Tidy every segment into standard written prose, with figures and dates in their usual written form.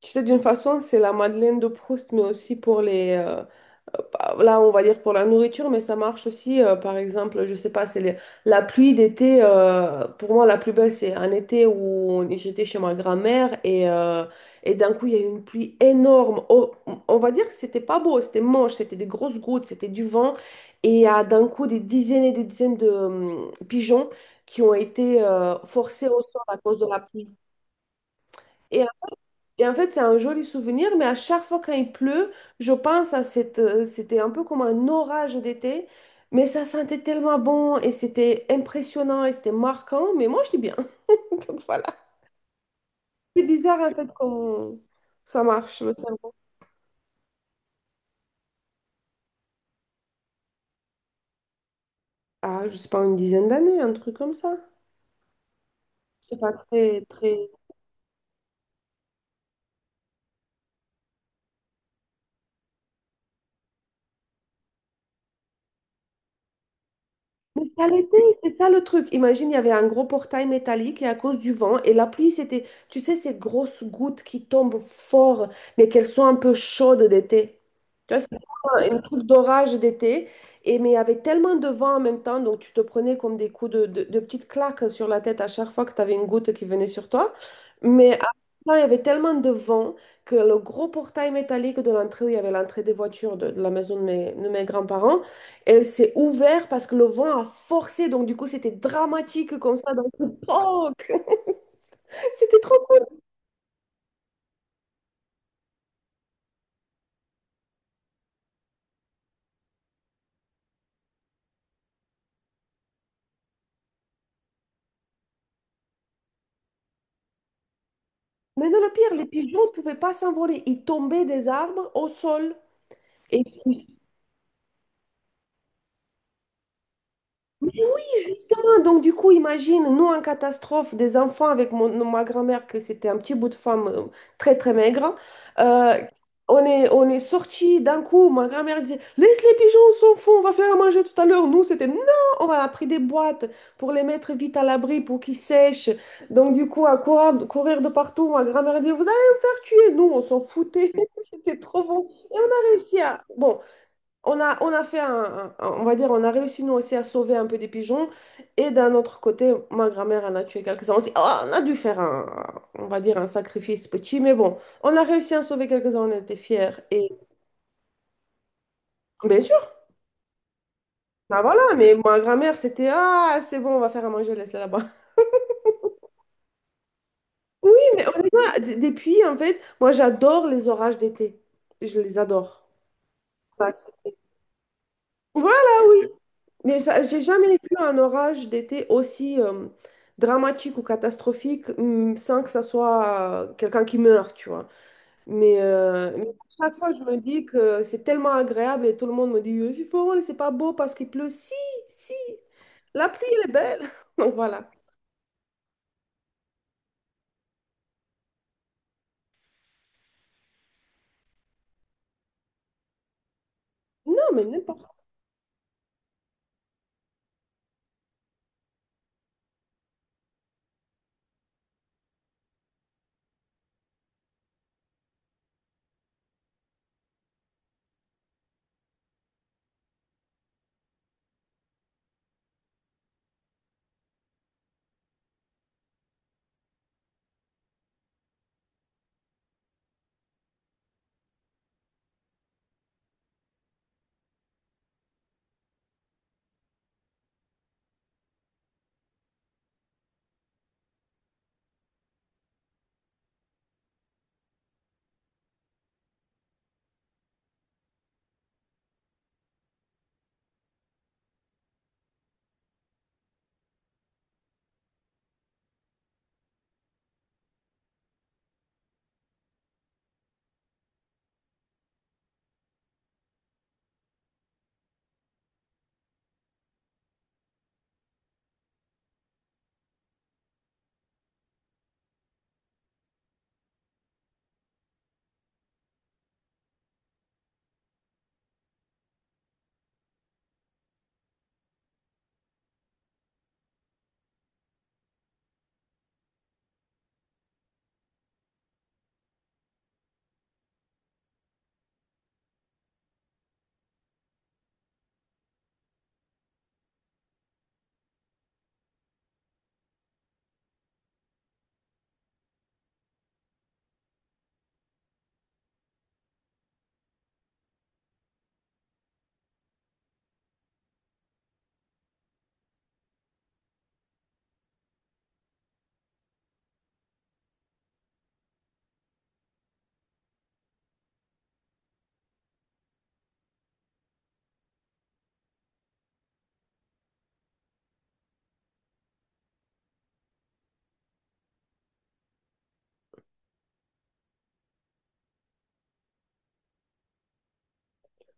Tu sais, d'une façon, c'est la Madeleine de Proust, mais aussi pour les, là, on va dire pour la nourriture, mais ça marche aussi, par exemple, je sais pas, c'est la pluie d'été. Pour moi, la plus belle, c'est un été où j'étais chez ma grand-mère et d'un coup, il y a eu une pluie énorme. Oh, on va dire que c'était pas beau, c'était moche, c'était des grosses gouttes, c'était du vent. Et il y a d'un coup des dizaines et des dizaines de pigeons qui ont été forcés au sol à cause de la pluie. Et et en fait, c'est un joli souvenir, mais à chaque fois quand il pleut, je pense à c'était un peu comme un orage d'été, mais ça sentait tellement bon et c'était impressionnant et c'était marquant, mais moi, je dis bien. Donc voilà. C'est bizarre en fait qu'on... Ça marche, le cerveau. Ah, je sais pas, une dizaine d'années, un truc comme ça. C'est pas très, très... Mais ça l'était, c'est ça le truc. Imagine, il y avait un gros portail métallique et à cause du vent et la pluie, c'était, tu sais, ces grosses gouttes qui tombent fort, mais qu'elles sont un peu chaudes d'été. Tu vois, c'est comme un truc d'orage d'été. Et mais il y avait tellement de vent en même temps, donc tu te prenais comme des coups de petites claques sur la tête à chaque fois que tu avais une goutte qui venait sur toi. Mais à la fin, il y avait tellement de vent que le gros portail métallique de l'entrée où il y avait l'entrée des voitures de la maison de mes grands-parents, elle s'est ouverte parce que le vent a forcé, donc du coup c'était dramatique comme ça. Dans le poc. C'était trop cool. Maintenant, le pire, les pigeons ne pouvaient pas s'envoler. Ils tombaient des arbres au sol. Et mais oui, Justin. Donc, du coup, imagine, nous, en catastrophe, des enfants avec ma grand-mère, que c'était un petit bout de femme très, très maigre. Euh, on est sortis d'un coup. Ma grand-mère disait, laisse les pigeons, on s'en fout, on va faire à manger tout à l'heure. Nous, c'était non, on a pris des boîtes pour les mettre vite à l'abri pour qu'ils sèchent. Donc, du coup, à quoi courir de partout. Ma grand-mère disait, vous allez me faire tuer. Nous, on s'en foutait. C'était trop bon. Et on a réussi à. Bon, on a fait on va dire, on a réussi nous aussi à sauver un peu des pigeons. Et d'un autre côté, ma grand-mère en a tué quelques-uns aussi. Oh, on a dû faire un, on va dire, un sacrifice petit, mais bon, on a réussi à en sauver quelques-uns, on était fiers. Et bien sûr, bah voilà, mais ma grand-mère, c'était, ah, c'est bon, on va faire à manger, laisse-la là-bas. Oui, mais honnêtement, depuis, en fait, moi, j'adore les orages d'été. Je les adore. Bah, voilà, oui. Mais ça, j'ai jamais vu un orage d'été aussi dramatique ou catastrophique sans que ça soit quelqu'un qui meurt, tu vois. Mais à chaque fois, je me dis que c'est tellement agréable et tout le monde me dit, c'est faux, c'est pas beau parce qu'il pleut. Si, si, la pluie, elle est belle. Donc voilà. Non, mais n'importe.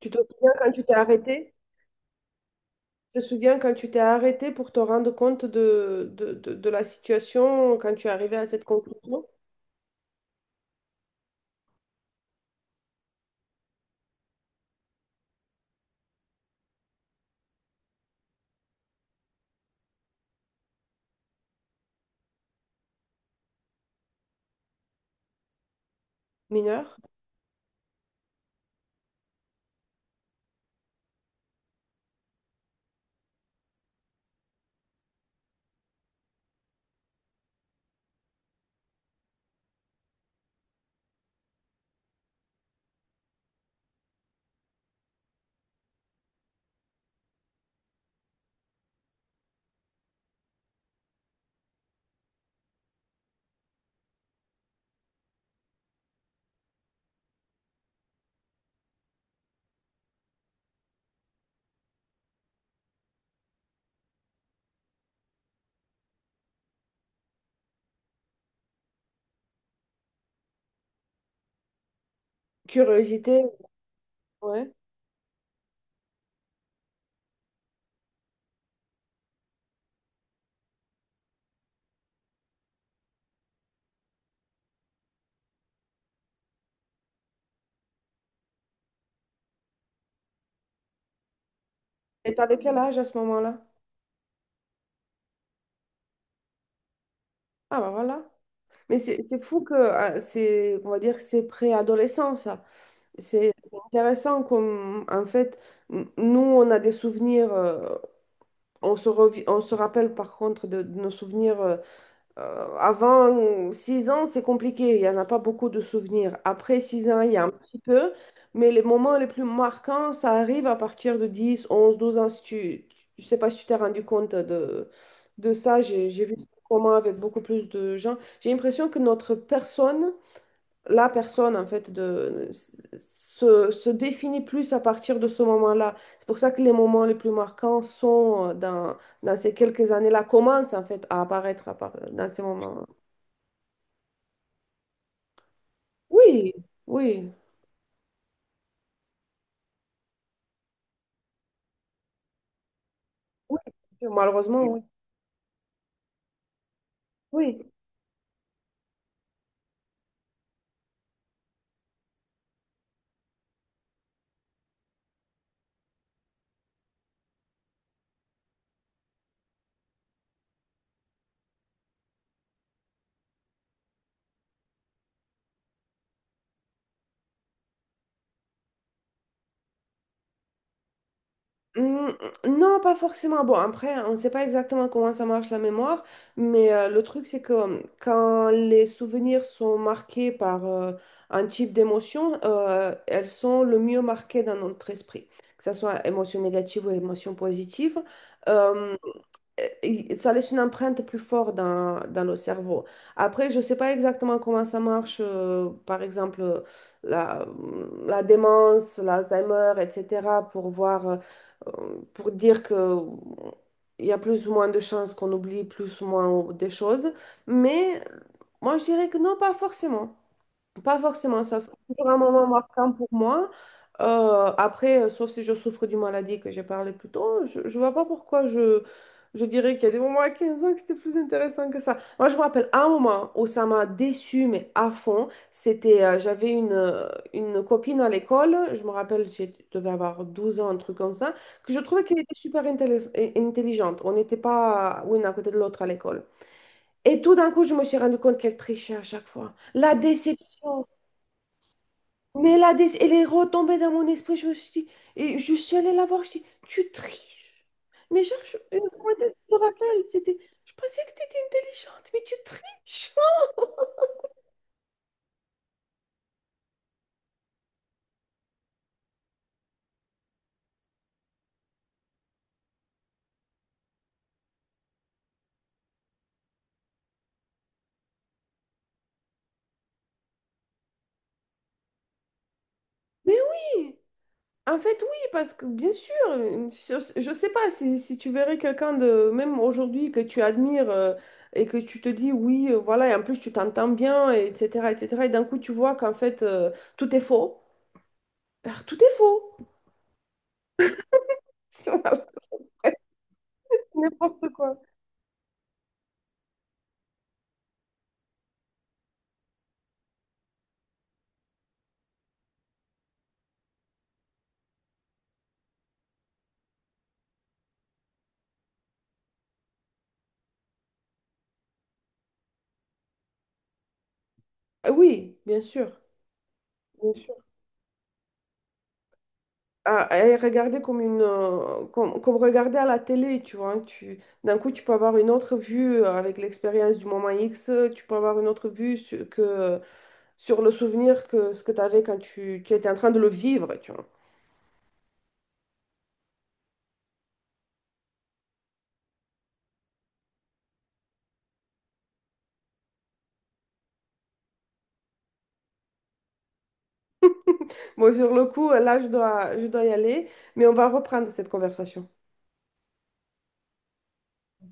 Tu te souviens quand tu t'es arrêté? Tu te souviens quand tu t'es arrêté pour te rendre compte de la situation, quand tu es arrivé à cette conclusion? Mineur. Curiosité, ouais. Et t'avais quel âge à ce moment-là? Ah bah voilà. Mais c'est fou que ah, c'est, on va dire que c'est préadolescent, ça. C'est intéressant comme, en fait, nous, on a des souvenirs, on se rappelle par contre de nos souvenirs avant 6 ans, c'est compliqué, il n'y en a pas beaucoup de souvenirs. Après 6 ans, il y a un petit peu, mais les moments les plus marquants, ça arrive à partir de 10, 11, 12 ans. Si tu, je sais pas si tu t'es rendu compte de, ça, j'ai vu ça comment avec beaucoup plus de gens. J'ai l'impression que notre personne la personne, en fait, se définit plus à partir de ce moment-là. C'est pour ça que les moments les plus marquants sont dans ces quelques années-là, commencent, en fait, à apparaître dans ces moments. Oui, oui, oui, malheureusement, oui. Oui. Hmm, non, pas forcément. Bon, après, on ne sait pas exactement comment ça marche la mémoire, mais le truc, c'est que quand les souvenirs sont marqués par un type d'émotion, elles sont le mieux marquées dans notre esprit, que ce soit émotion négative ou émotion positive et ça laisse une empreinte plus forte dans le cerveau. Après, je ne sais pas exactement comment ça marche, par exemple, la démence, l'Alzheimer, etc., pour voir, pour dire que il y a plus ou moins de chances qu'on oublie plus ou moins des choses. Mais moi, je dirais que non, pas forcément. Pas forcément, ça sera toujours un moment marquant pour moi. Après, sauf si je souffre d'une maladie que j'ai parlé plus tôt, je ne vois pas pourquoi je, dirais qu'il y a des moments à 15 ans que c'était plus intéressant que ça. Moi, je me rappelle un moment où ça m'a déçue, mais à fond. C'était, j'avais une copine à l'école, je me rappelle, je devais avoir 12 ans, un truc comme ça, que je trouvais qu'elle était super intelligente. On n'était pas une à côté de l'autre à l'école. Et tout d'un coup, je me suis rendu compte qu'elle trichait à chaque fois. La déception. Mais là, elle est retombée dans mon esprit. Je me suis dit, et je suis allée la voir. Je dis, tu triches. Mais genre, je me rappelle, c'était, je pensais que tu étais intelligente, mais tu triches. Mais oui, en fait, oui, parce que bien sûr, je sais pas si tu verrais quelqu'un de, même aujourd'hui, que tu admires et que tu te dis, oui, voilà, et en plus, tu t'entends bien, et etc., etc., et d'un coup, tu vois qu'en fait, tout est faux. Alors, tout est faux. Voilà, n'importe quoi. Ah oui, bien sûr. Bien sûr. Ah, et regarder comme une comme regarder à la télé, tu vois, hein. D'un coup, tu peux avoir une autre vue avec l'expérience du moment X, tu peux avoir une autre vue sur le souvenir que ce que tu avais quand tu étais en train de le vivre, tu vois. Bon, sur le coup, là, je dois y aller, mais on va reprendre cette conversation.